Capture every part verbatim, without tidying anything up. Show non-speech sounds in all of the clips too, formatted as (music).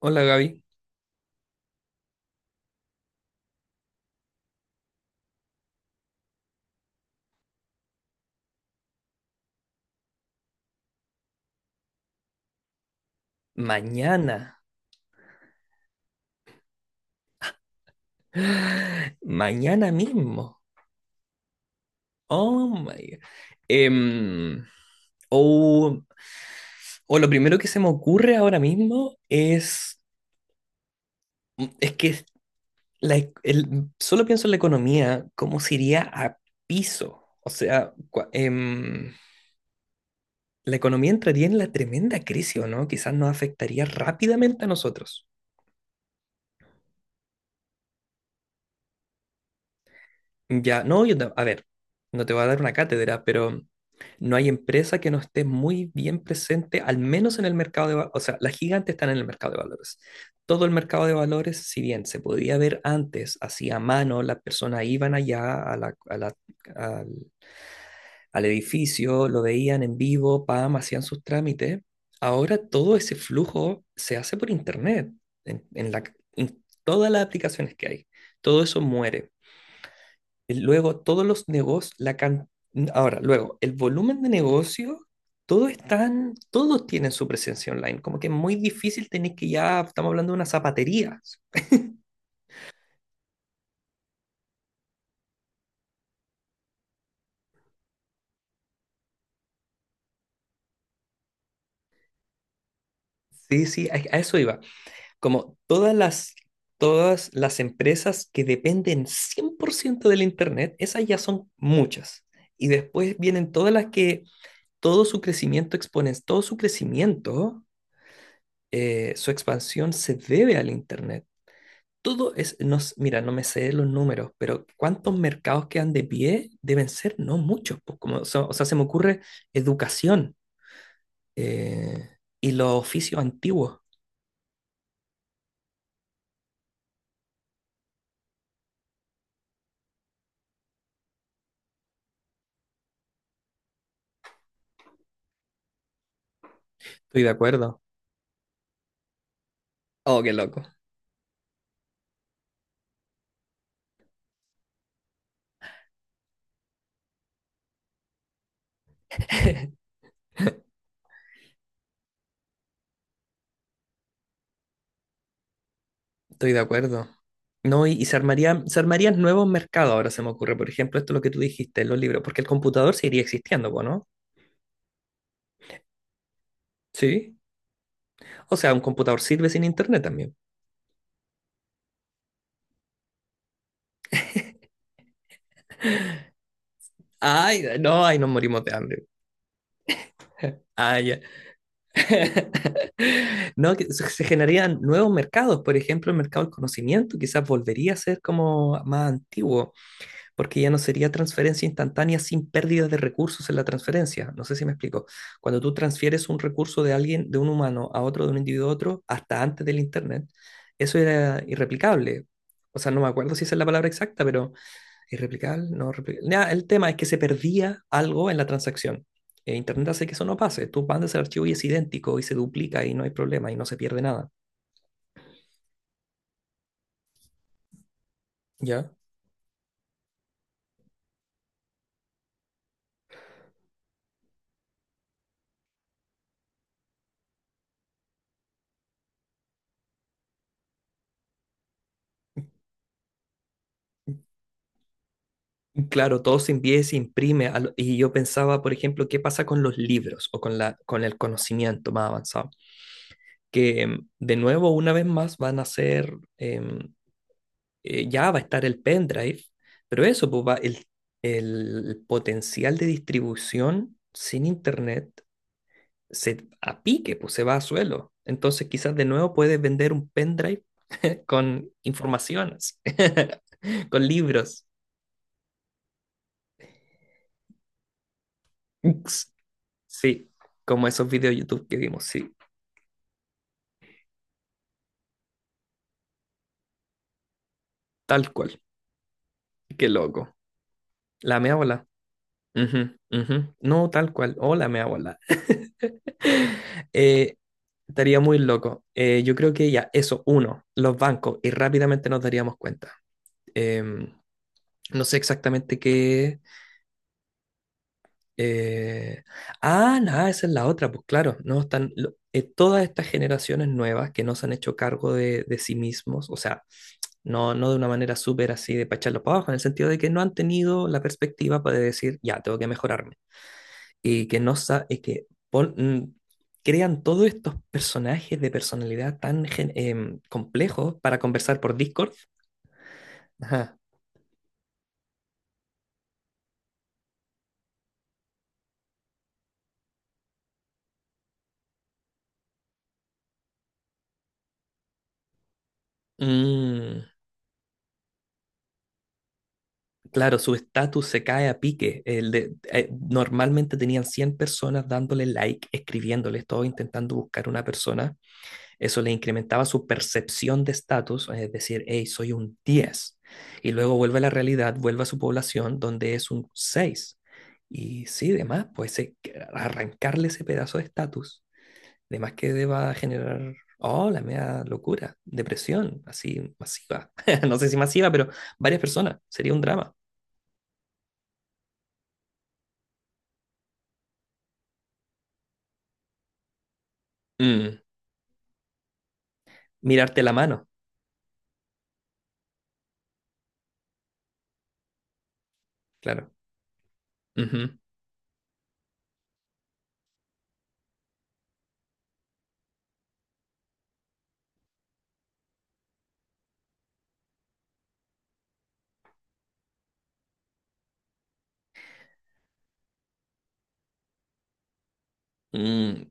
Hola, Gaby. Mañana, mañana mismo. Oh my God. Em, o, o lo primero que se me ocurre ahora mismo es, mm, es que la e- el- solo pienso en la economía, cómo se iría a piso. O sea, cua- em, la economía entraría en la tremenda crisis, ¿o no? Quizás nos afectaría rápidamente a nosotros. Ya, no, yo, ta- A ver, no te voy a dar una cátedra, pero no hay empresa que no esté muy bien presente, al menos en el mercado de valores. O sea, las gigantes están en el mercado de valores. Todo el mercado de valores, si bien se podía ver antes, así a mano, las personas iban allá a la- a la- al, al edificio, lo veían en vivo, pam, hacían sus trámites. Ahora todo ese flujo se hace por internet, en, en la, en todas las aplicaciones que hay. Todo eso muere el- luego, todos los negocios, la can- ahora, luego, el volumen de negocio, todos están, todos tienen su presencia online. Como que es muy difícil tener que ya, estamos hablando de una zapatería. Sí, sí, a, a eso iba. Como todas las, todas las empresas que dependen cien por ciento del Internet, esas ya son muchas. Y después vienen todas las que todo su crecimiento exponen, todo su crecimiento, eh, su expansión se debe al Internet. Todo es, no, s- mira, no me sé los números, pero ¿cuántos mercados quedan de pie? Deben ser no muchos, pues, como, so- o sea, se me ocurre educación eh, y los oficios antiguos. Estoy de acuerdo. Oh, qué loco. (laughs) Estoy de acuerdo. No, y, y se armarían, se armarían nuevos mercados, ahora se me ocurre. Por ejemplo, esto es lo que tú dijiste, los libros, porque el computador seguiría existiendo, po, ¿no? Sí. O sea, un computador sirve sin internet también. Ay, no, ay, nos morimos de hambre. Ay, ya. (laughs) No, que se se generarían nuevos mercados, por ejemplo, el mercado del conocimiento quizás volvería a ser como más antiguo, porque ya no sería transferencia instantánea sin pérdidas de recursos en la transferencia. No sé si me explico. Cuando tú transfieres un recurso de alguien, de un humano a otro, de un individuo a otro, hasta antes del Internet, eso era irreplicable. O sea, no me acuerdo si esa es la palabra exacta, pero irreplicable, no replicable. Nah, el tema es que se perdía algo en la transacción. Eh, Internet hace que eso no pase. Tú mandas el archivo y es idéntico y se duplica y no hay problema y no se pierde nada. ¿Ya? Claro, todo se envía y se imprime. lo- Y yo pensaba, por ejemplo, qué pasa con los libros o con la, con el conocimiento más avanzado. Que em, de nuevo, una vez más, van a ser, em, eh, ya va a estar el pendrive, pero eso, pues va, el, el potencial de distribución sin internet se a pique, pues se va a suelo. Entonces quizás de nuevo puedes vender un pendrive (laughs) con informaciones, (laughs) con libros. Ups. Sí, como esos videos de YouTube que vimos, sí, tal cual. Qué loco. La mea bola. Ujú, ujú. No, tal cual. Hola, mea bola. (laughs) Eh, estaría muy loco. Eh, yo creo que ya, eso, uno, los bancos, y rápidamente nos daríamos cuenta. Em, no sé exactamente qué. Eh, ah, nada, esa es la otra, pues claro, no están lo- eh, todas estas generaciones nuevas que no se han hecho cargo de, de sí mismos, o sea, no, no de una manera súper así de pacharlo para abajo, en el sentido de que no han tenido la perspectiva para decir, ya, tengo que mejorarme. Y que no sa- y que pon- mm, crean todos estos personajes de personalidad tan gen- em, complejos para conversar por Discord. Ajá. Mm. Claro, su estatus se cae a pique. El de- eh, normalmente tenían cien personas dándole like, escribiéndole, todo intentando buscar una persona. Eso le incrementaba su percepción de estatus, es decir, hey, soy un diez. Y luego vuelve a la realidad, vuelve a su población, donde es un seis. Y sí, demás, pues eh, que arrancarle ese pedazo de estatus, de más que deba generar, oh, la media locura, depresión, así masiva. (laughs) No sé si masiva, pero varias personas, sería un drama. Mm. Mirarte la mano, claro. Ujú. Mm.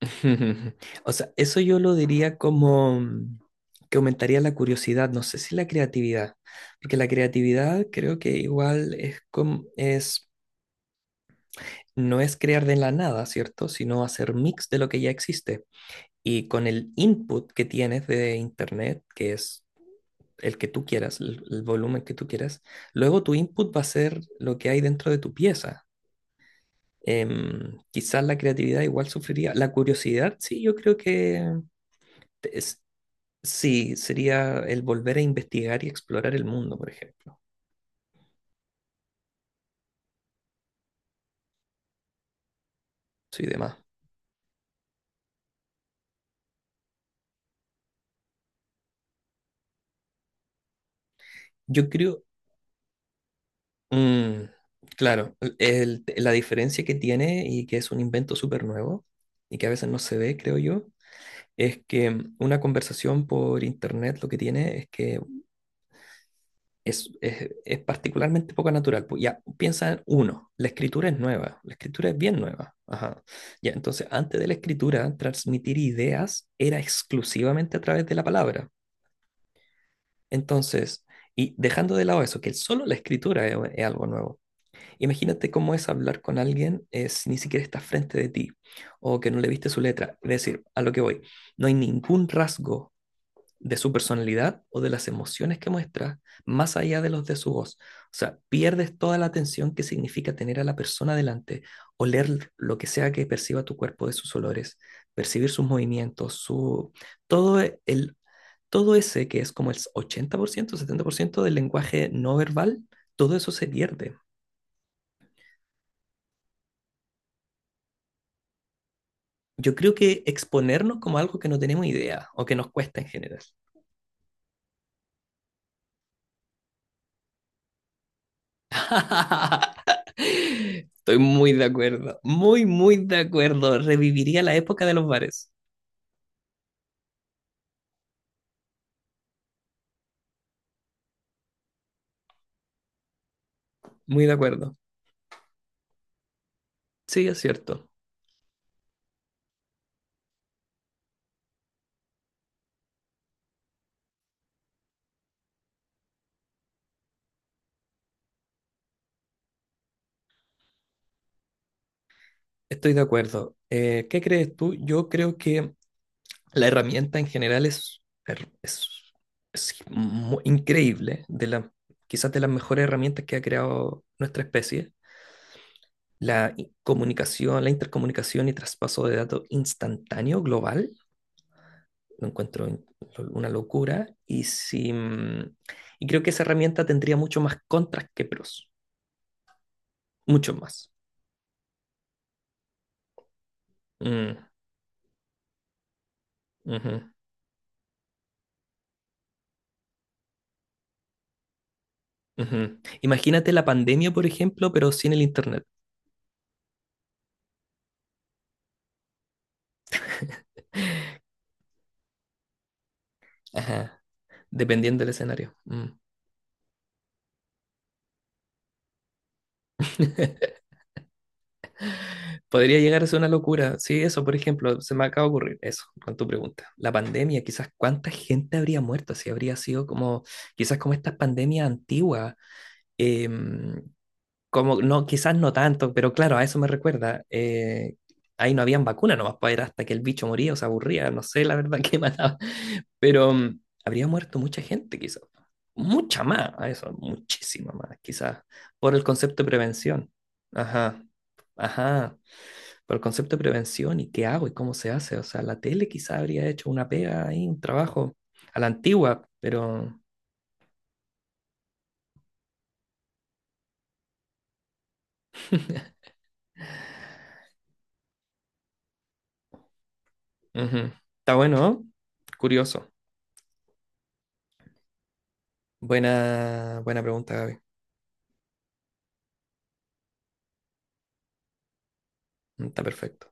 (laughs) O sea, eso yo lo diría como mm, que aumentaría la curiosidad, no sé si la creatividad, porque la creatividad creo que igual es como es no es crear de la nada, ¿cierto? Sino hacer mix de lo que ya existe. Y con el input que tienes de internet, que es el que tú quieras, el, el volumen que tú quieras, luego tu input va a ser lo que hay dentro de tu pieza. Em, quizás la creatividad igual sufriría. La curiosidad, sí, yo creo que es, sí, sería el volver a investigar y explorar el mundo, por ejemplo. Sí, demás. Yo creo, mm, claro, el- la diferencia que tiene y que es un invento súper nuevo y que a veces no se ve, creo yo, es que una conversación por internet lo que tiene es que es, es, es particularmente poco natural. Pues ya, piensa en uno, la escritura es nueva, la escritura es bien nueva. Ajá. Ya, entonces, antes de la escritura, transmitir ideas era exclusivamente a través de la palabra. Entonces, y dejando de lado eso, que solo la escritura es, es algo nuevo. Imagínate cómo es hablar con alguien eh, si ni siquiera está frente de ti o que no le viste su letra. Es decir, a lo que voy, no hay ningún rasgo de su personalidad o de las emociones que muestra, más allá de los de su voz. O sea, pierdes toda la atención que significa tener a la persona delante, oler lo que sea que perciba tu cuerpo de sus olores, percibir sus movimientos, su todo el todo ese que es como el ochenta por ciento setenta por ciento del lenguaje no verbal, todo eso se pierde. Yo creo que exponernos como algo que no tenemos idea o que nos cuesta en general. (laughs) Estoy muy de acuerdo, muy, muy de acuerdo. Reviviría la época de los bares. Muy de acuerdo. Sí, es cierto. Estoy de acuerdo. Eh, ¿qué crees tú? Yo creo que la herramienta en general es, er- es, es mu- increíble, de la, quizás de las mejores herramientas que ha creado nuestra especie. La i- comunicación, la intercomunicación y traspaso de datos instantáneo global lo encuentro una locura y, si, mm, y creo que esa herramienta tendría mucho más contras que pros, mucho más. Mm, ujú, ujú. Imagínate la pandemia, por ejemplo, pero sin el internet. Ajá, dependiendo del escenario. Mm. (laughs) Podría llegar a ser una locura. Sí, eso, por ejemplo, se me acaba de ocurrir eso con tu pregunta. La pandemia, quizás cuánta gente habría muerto, si habría sido como, quizás como estas pandemias antiguas, em, como, no, quizás no tanto, pero claro, a eso me recuerda. Eh, ahí no habían vacuna nomás para era hasta que el bicho moría o se aburría, no sé la verdad (laughs) qué mataba. Pero mm, habría muerto mucha gente, quizás. Mucha más, a eso, muchísima más, quizás. Por el concepto de prevención. Ajá, ajá. Por el concepto de prevención y qué hago y cómo se hace. O sea, la tele quizás habría hecho una pega ahí, un trabajo a la antigua, pero ujú. Está bueno, ¿no? Curioso. Buena, buena pregunta, Gaby. Mm, está perfecto.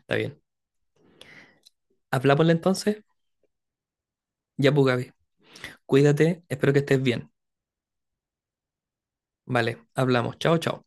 Está bien. Hablámosle entonces. Ya, pues, Gaby. Cuídate. Espero que estés bien. Vale, hablamos. Chao, chao.